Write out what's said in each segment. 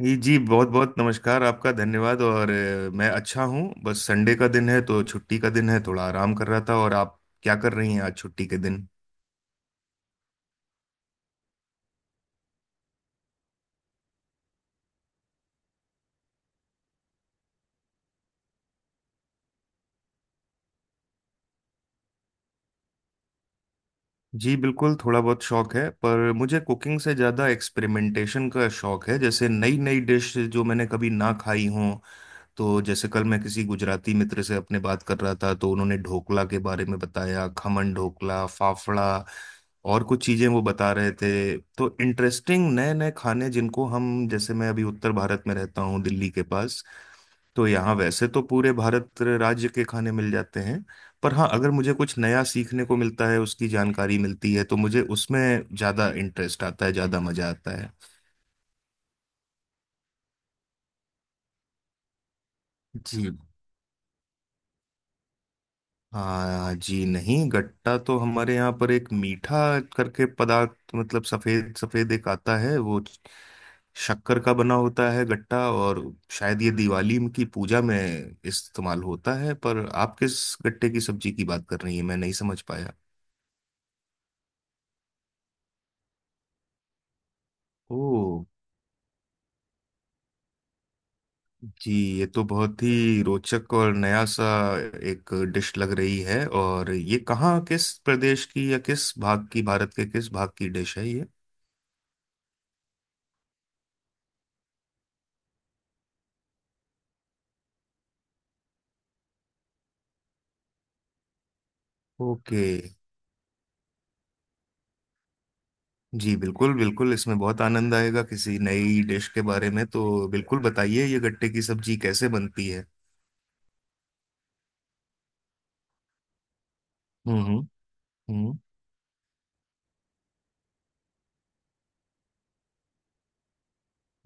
जी जी, बहुत बहुत नमस्कार आपका। धन्यवाद। और मैं अच्छा हूँ। बस संडे का दिन है तो छुट्टी का दिन है, थोड़ा आराम कर रहा था। और आप क्या कर रही हैं आज छुट्टी के दिन? जी बिल्कुल, थोड़ा बहुत शौक है, पर मुझे कुकिंग से ज़्यादा एक्सपेरिमेंटेशन का शौक है। जैसे नई नई डिश जो मैंने कभी ना खाई हों। तो जैसे कल मैं किसी गुजराती मित्र से अपने बात कर रहा था तो उन्होंने ढोकला के बारे में बताया, खमन ढोकला, फाफड़ा और कुछ चीजें वो बता रहे थे। तो इंटरेस्टिंग नए नए खाने, जिनको हम, जैसे मैं अभी उत्तर भारत में रहता हूँ, दिल्ली के पास। तो यहाँ वैसे तो पूरे भारत राज्य के खाने मिल जाते हैं, पर हाँ, अगर मुझे कुछ नया सीखने को मिलता है, उसकी जानकारी मिलती है, तो मुझे उसमें ज्यादा इंटरेस्ट आता है, ज्यादा मजा आता है। जी। हाँ जी, नहीं, गट्टा तो हमारे यहाँ पर एक मीठा करके पदार्थ, मतलब सफेद सफेद एक आता है, वो शक्कर का बना होता है, गट्टा। और शायद ये दिवाली की पूजा में इस्तेमाल होता है। पर आप किस गट्टे की सब्जी की बात कर रही हैं, मैं नहीं समझ पाया। ओ। जी, ये तो बहुत ही रोचक और नया सा एक डिश लग रही है। और ये कहाँ, किस प्रदेश की, या किस भाग की, भारत के किस भाग की डिश है ये? ओके। जी बिल्कुल बिल्कुल, इसमें बहुत आनंद आएगा किसी नई डिश के बारे में। तो बिल्कुल बताइए, ये गट्टे की सब्जी कैसे बनती है? हम्म। हम्म।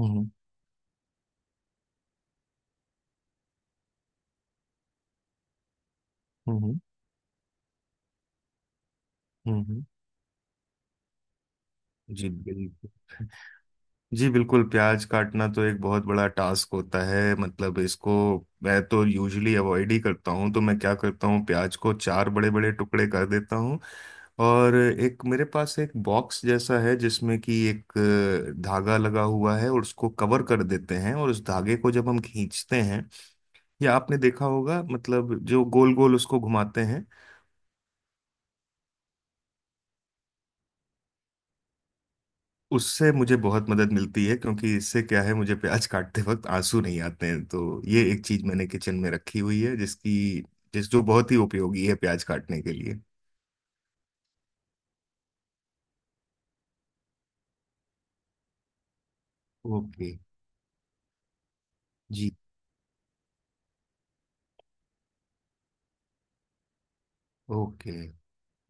हम्म। हम्म। हम्म। हम्म। हम्म। जी बिल्कुल। जी बिल्कुल, प्याज काटना तो एक बहुत बड़ा टास्क होता है। मतलब इसको मैं तो यूजुअली अवॉइड ही करता हूँ। तो मैं क्या करता हूँ, प्याज को चार बड़े बड़े टुकड़े कर देता हूँ। और एक मेरे पास एक बॉक्स जैसा है जिसमें कि एक धागा लगा हुआ है, और उसको कवर कर देते हैं, और उस धागे को जब हम खींचते हैं, या आपने देखा होगा, मतलब जो गोल गोल उसको घुमाते हैं। उससे मुझे बहुत मदद मिलती है, क्योंकि इससे क्या है, मुझे प्याज काटते वक्त आंसू नहीं आते हैं। तो ये एक चीज मैंने किचन में रखी हुई है जिसकी जिस जो बहुत ही उपयोगी है प्याज काटने के लिए। ओके। जी। ओके।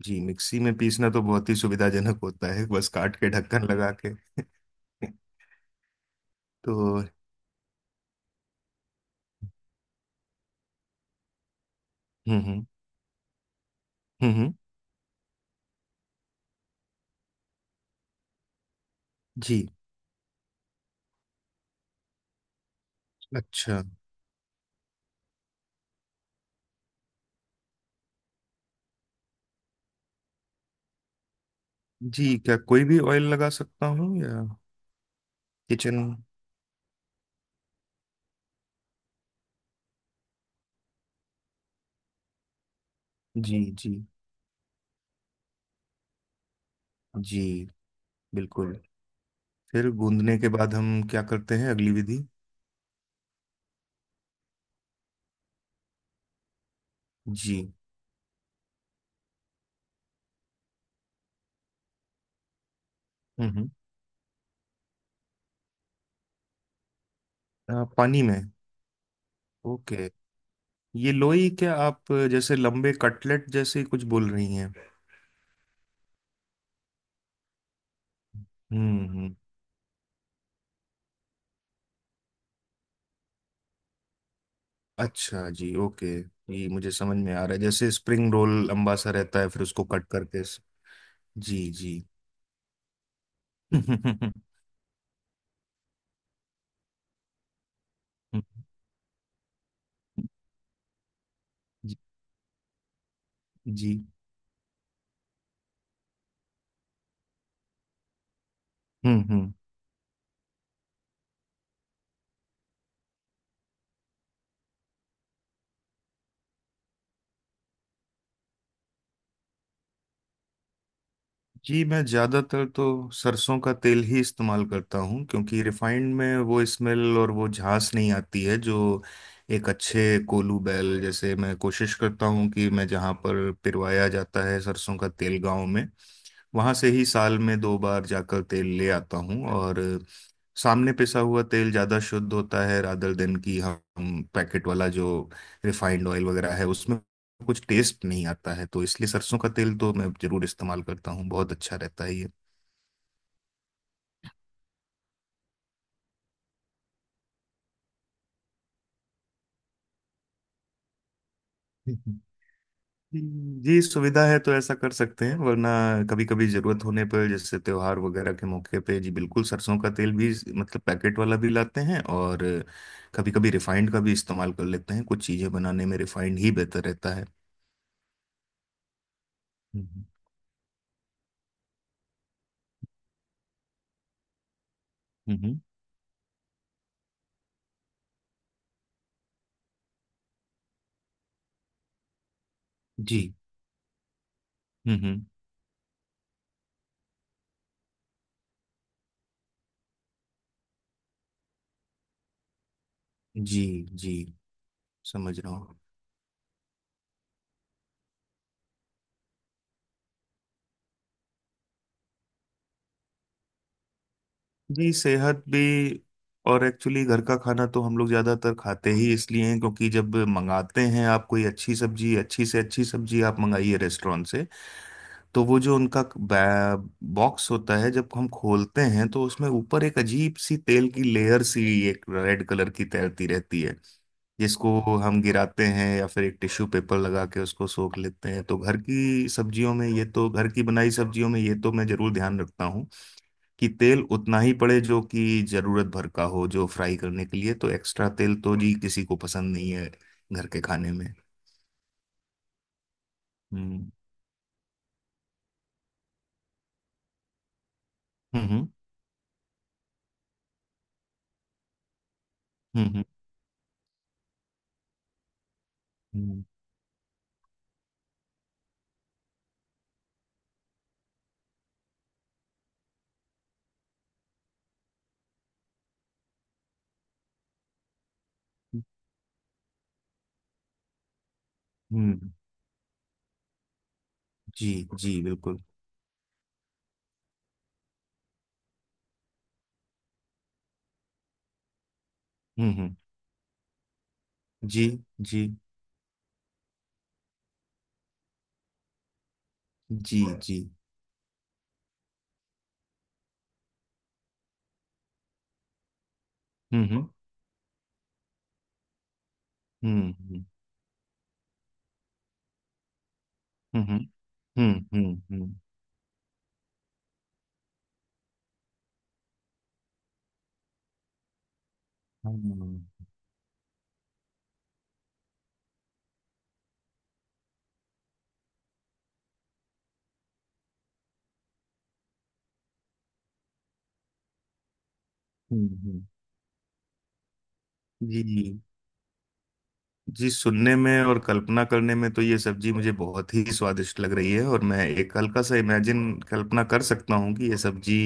जी, मिक्सी में पीसना तो बहुत ही सुविधाजनक होता है, बस काट के ढक्कन लगा के तो हम्म। हम्म। हम्म। हम्म। जी। अच्छा। जी, क्या कोई भी ऑयल लगा सकता हूँ या? किचन। जी जी। जी। बिल्कुल। फिर गूंदने के बाद हम क्या करते हैं, अगली विधि? जी। हम्म। पानी में? ओके। ये लोई क्या आप जैसे लंबे कटलेट जैसे कुछ बोल रही हैं? हम्म। अच्छा, जी, ओके। ये मुझे समझ में आ रहा है, जैसे स्प्रिंग रोल लंबा सा रहता है फिर उसको कट करके। जी जी। जी। जी। हम्म। जी, मैं ज़्यादातर तो सरसों का तेल ही इस्तेमाल करता हूँ, क्योंकि रिफाइंड में वो स्मेल और वो झांस नहीं आती है जो एक अच्छे कोलू बैल, जैसे मैं कोशिश करता हूँ कि मैं जहाँ पर पिरवाया जाता है सरसों का तेल गाँव में, वहां से ही साल में 2 बार जाकर तेल ले आता हूँ। और सामने पिसा हुआ तेल ज्यादा शुद्ध होता है रादर देन की हम पैकेट वाला जो रिफाइंड ऑयल वगैरह है उसमें कुछ टेस्ट नहीं आता है। तो इसलिए सरसों का तेल तो मैं जरूर इस्तेमाल करता हूँ, बहुत अच्छा रहता है ये। जी, सुविधा है तो ऐसा कर सकते हैं, वरना कभी कभी जरूरत होने पर, जैसे त्योहार वगैरह के मौके पे, जी बिल्कुल, सरसों का तेल भी, मतलब पैकेट वाला भी लाते हैं। और कभी कभी रिफाइंड का भी इस्तेमाल कर लेते हैं, कुछ चीजें बनाने में रिफाइंड ही बेहतर रहता है। हम्म। हम्म। जी। हम्म। हम्म। जी। जी, समझ रहा हूँ। जी सेहत भी, और एक्चुअली घर का खाना तो हम लोग ज्यादातर खाते ही इसलिए हैं क्योंकि जब मंगाते हैं आप कोई अच्छी सब्जी, अच्छी से अच्छी सब्जी आप मंगाइए रेस्टोरेंट से, तो वो जो उनका बॉक्स होता है जब हम खोलते हैं तो उसमें ऊपर एक अजीब सी तेल की लेयर सी, एक रेड कलर की तैरती रहती है, जिसको हम गिराते हैं या फिर एक टिश्यू पेपर लगा के उसको सोख लेते हैं। तो घर की बनाई सब्जियों में ये तो मैं जरूर ध्यान रखता हूँ कि तेल उतना ही पड़े जो कि जरूरत भर का हो, जो फ्राई करने के लिए। तो एक्स्ट्रा तेल तो जी किसी को पसंद नहीं है घर के खाने में। हम्म। हम्म। हम्म। हम्म। हम्म। हम्म। हम्म। जी। जी बिल्कुल। हम्म। जी। जी। जी। जी। हम्म। हम्म। हम्म। हम्म। हम्म। हम्म। हम्म। हम्म। हम्म। हम्म। जी। जी, सुनने में और कल्पना करने में तो ये सब्जी मुझे बहुत ही स्वादिष्ट लग रही है। और मैं एक हल्का सा इमेजिन, कल्पना कर सकता हूँ कि ये सब्जी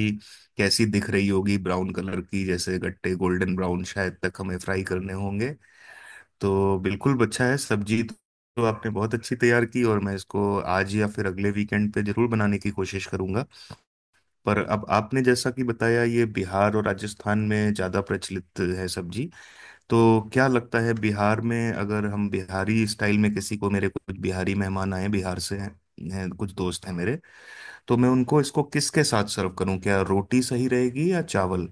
कैसी दिख रही होगी, ब्राउन कलर की, जैसे गट्टे गोल्डन ब्राउन शायद तक हमें फ्राई करने होंगे। तो बिल्कुल अच्छा है सब्जी, तो आपने बहुत अच्छी तैयार की। और मैं इसको आज या फिर अगले वीकेंड पे जरूर बनाने की कोशिश करूंगा। पर अब आपने जैसा कि बताया, ये बिहार और राजस्थान में ज़्यादा प्रचलित है सब्जी, तो क्या लगता है, बिहार में अगर हम बिहारी स्टाइल में किसी को, मेरे कुछ बिहारी मेहमान आए, बिहार से हैं, कुछ दोस्त हैं मेरे, तो मैं उनको इसको किसके साथ सर्व करूं? क्या रोटी सही रहेगी या चावल?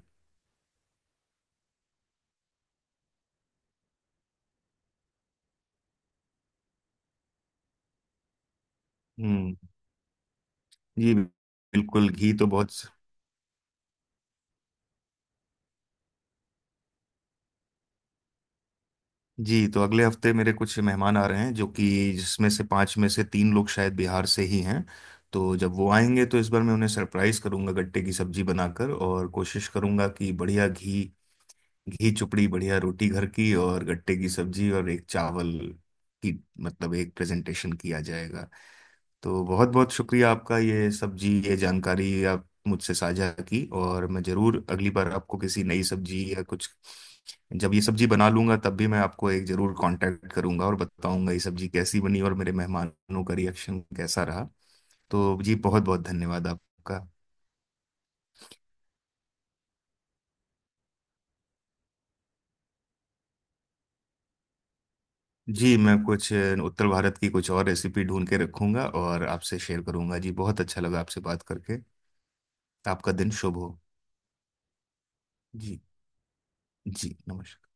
हम्म। जी बिल्कुल, घी तो बहुत। जी, तो अगले हफ्ते मेरे कुछ मेहमान आ रहे हैं, जो कि, जिसमें से 5 में से 3 लोग शायद बिहार से ही हैं। तो जब वो आएंगे तो इस बार मैं उन्हें सरप्राइज करूंगा गट्टे की सब्जी बनाकर, और कोशिश करूंगा कि बढ़िया घी, घी चुपड़ी बढ़िया रोटी घर की, और गट्टे की सब्जी, और एक चावल की, मतलब एक प्रेजेंटेशन किया जाएगा। तो बहुत बहुत शुक्रिया आपका, ये सब्जी, ये जानकारी आप मुझसे साझा की। और मैं जरूर अगली बार आपको किसी नई सब्जी या कुछ, जब ये सब्जी बना लूंगा तब भी मैं आपको एक जरूर कांटेक्ट करूंगा और बताऊंगा ये सब्जी कैसी बनी और मेरे मेहमानों का रिएक्शन कैसा रहा। तो जी बहुत बहुत धन्यवाद आपका। जी, मैं कुछ उत्तर भारत की कुछ और रेसिपी ढूंढ के रखूंगा और आपसे शेयर करूंगा। जी, बहुत अच्छा लगा आपसे बात करके। आपका दिन शुभ हो। जी। जी नमस्कार।